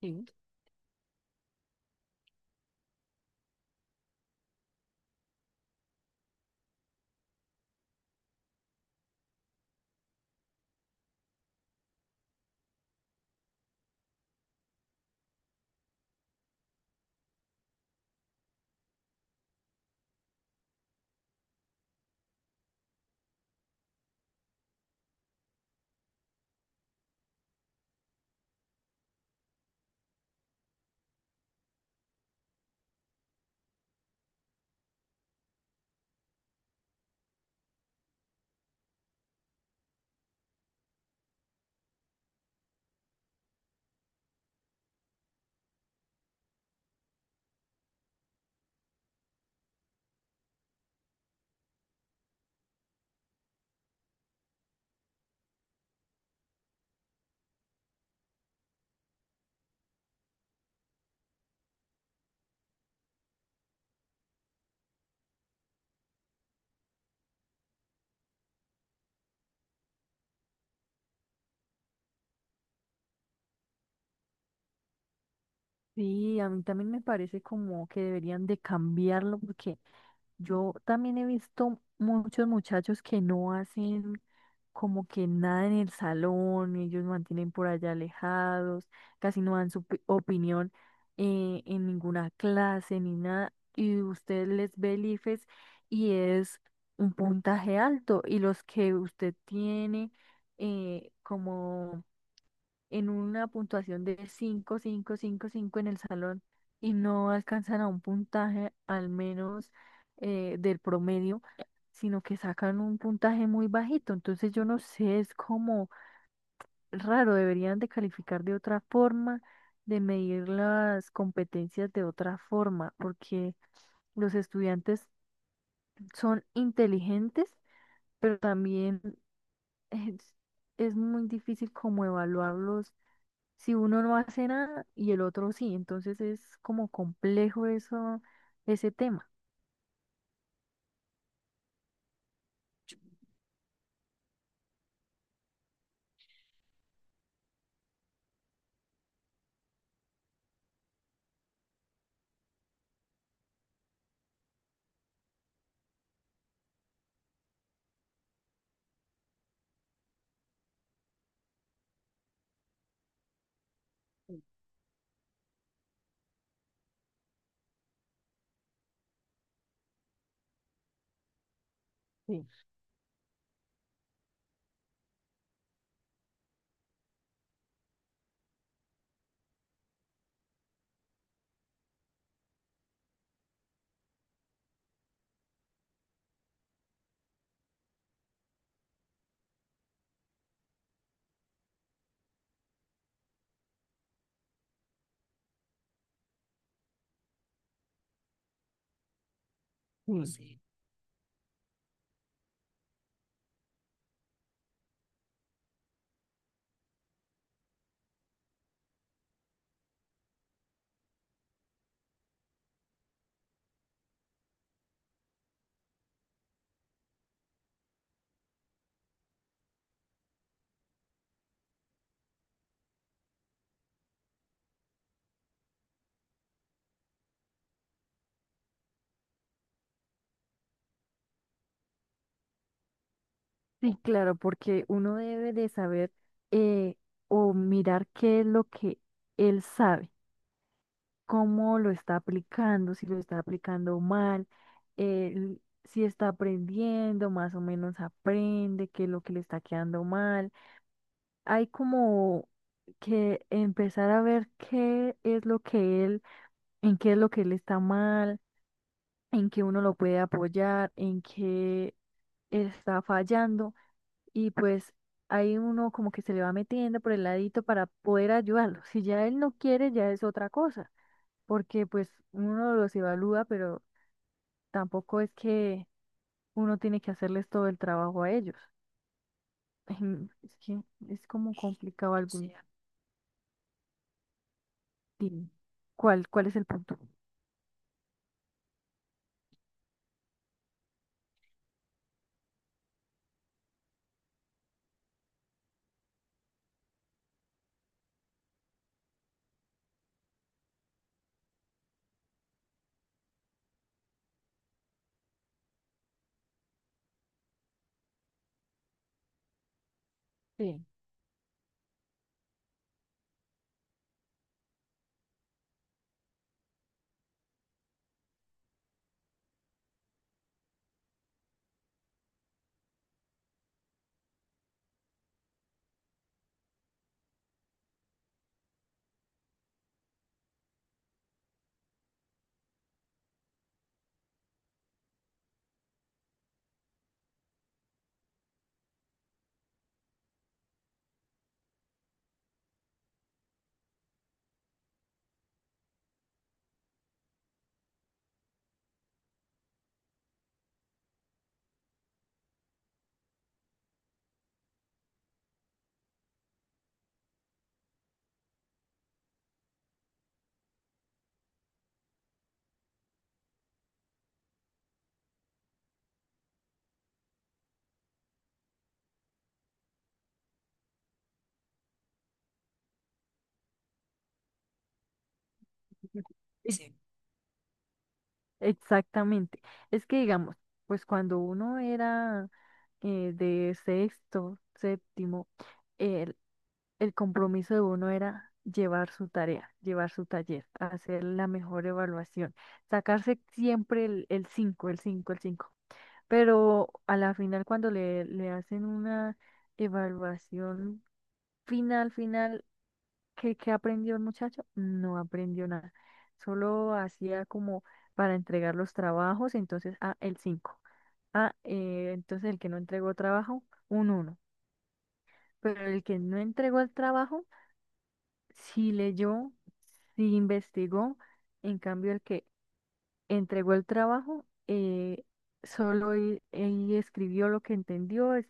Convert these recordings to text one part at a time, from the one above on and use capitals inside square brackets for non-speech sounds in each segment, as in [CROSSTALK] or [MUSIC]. Sí. Sí, a mí también me parece como que deberían de cambiarlo porque yo también he visto muchos muchachos que no hacen como que nada en el salón, ellos mantienen por allá alejados, casi no dan su opinión en ninguna clase ni nada, y usted les ve el IFES, y es un puntaje alto, y los que usted tiene como en una puntuación de cinco, cinco, cinco, 5 en el salón y no alcanzan a un puntaje, al menos del promedio, sino que sacan un puntaje muy bajito. Entonces yo no sé, es como raro. Deberían de calificar de otra forma, de medir las competencias de otra forma, porque los estudiantes son inteligentes, pero también es, es muy difícil como evaluarlos si uno no hace nada y el otro sí. Entonces es como complejo eso, ese tema. Sí, claro, porque uno debe de saber, eh, o mirar qué es lo que él sabe, cómo lo está aplicando, si lo está aplicando mal, eh, si está aprendiendo, más o menos aprende, qué es lo que le está quedando mal. Hay como que empezar a ver qué es lo que él, en qué es lo que él está mal, en que uno lo puede apoyar, en que está fallando, y pues ahí uno como que se le va metiendo por el ladito para poder ayudarlo. Si ya él no quiere, ya es otra cosa, porque pues uno los evalúa, pero tampoco es que uno tiene que hacerles todo el trabajo a ellos. [LAUGHS] Es que es como complicado algún, sí, día. Dime, ¿cuál es el punto? Sí. Exactamente. Es que digamos, pues cuando uno era, de sexto, séptimo, el, el compromiso de uno era llevar su tarea, llevar su taller, hacer la mejor evaluación, sacarse siempre el cinco, el cinco, el cinco. Pero a la final, cuando le hacen una evaluación final, final, ¿qué aprendió el muchacho? No aprendió nada. Solo hacía como para entregar los trabajos, entonces, ah, el cinco. Ah, entonces el que no entregó trabajo, un uno. Pero el que no entregó el trabajo, sí leyó, sí investigó. En cambio, el que entregó el trabajo, solo y escribió lo que entendió,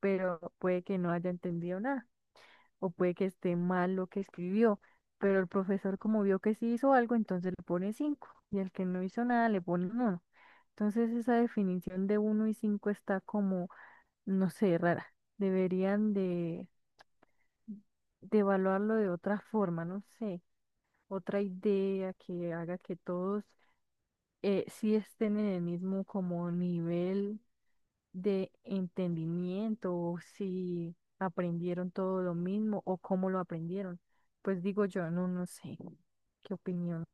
pero puede que no haya entendido nada, o puede que esté mal lo que escribió. Pero el profesor, como vio que sí hizo algo, entonces le pone cinco, y el que no hizo nada le pone uno. Entonces esa definición de uno y cinco está como, no sé, rara. Deberían de evaluarlo de otra forma, no sé, otra idea que haga que todos, sí estén en el mismo como nivel de entendimiento, o si aprendieron todo lo mismo, o cómo lo aprendieron. Pues digo yo, no, no sé qué opinión.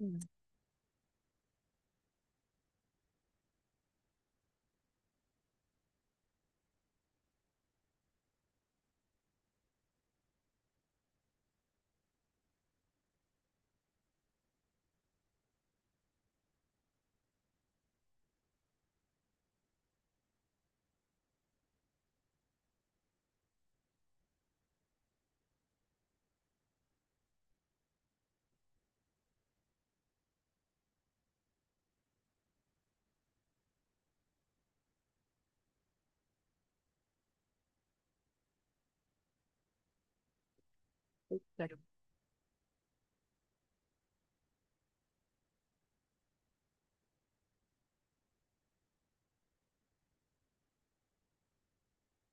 Mm, sí, claro.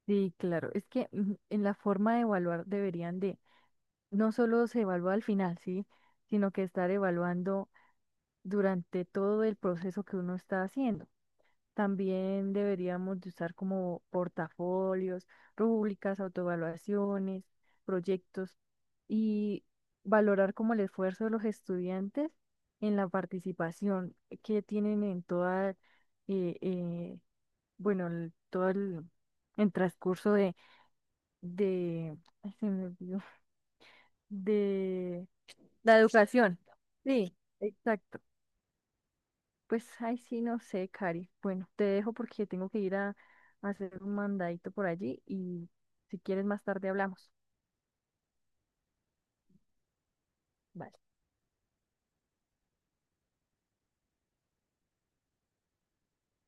Sí, claro. Es que en la forma de evaluar deberían de, no solo se evalúa al final, ¿sí? Sino que estar evaluando durante todo el proceso que uno está haciendo. También deberíamos de usar como portafolios, rúbricas, autoevaluaciones, proyectos, y valorar como el esfuerzo de los estudiantes en la participación que tienen en toda, eh, eh, bueno, todo el transcurso de, ay, se me olvidó, de la educación. Sí, exacto. Pues, ay, sí, no sé, Cari. Bueno, te dejo porque tengo que ir a hacer un mandadito por allí, y si quieres más tarde hablamos. Bye.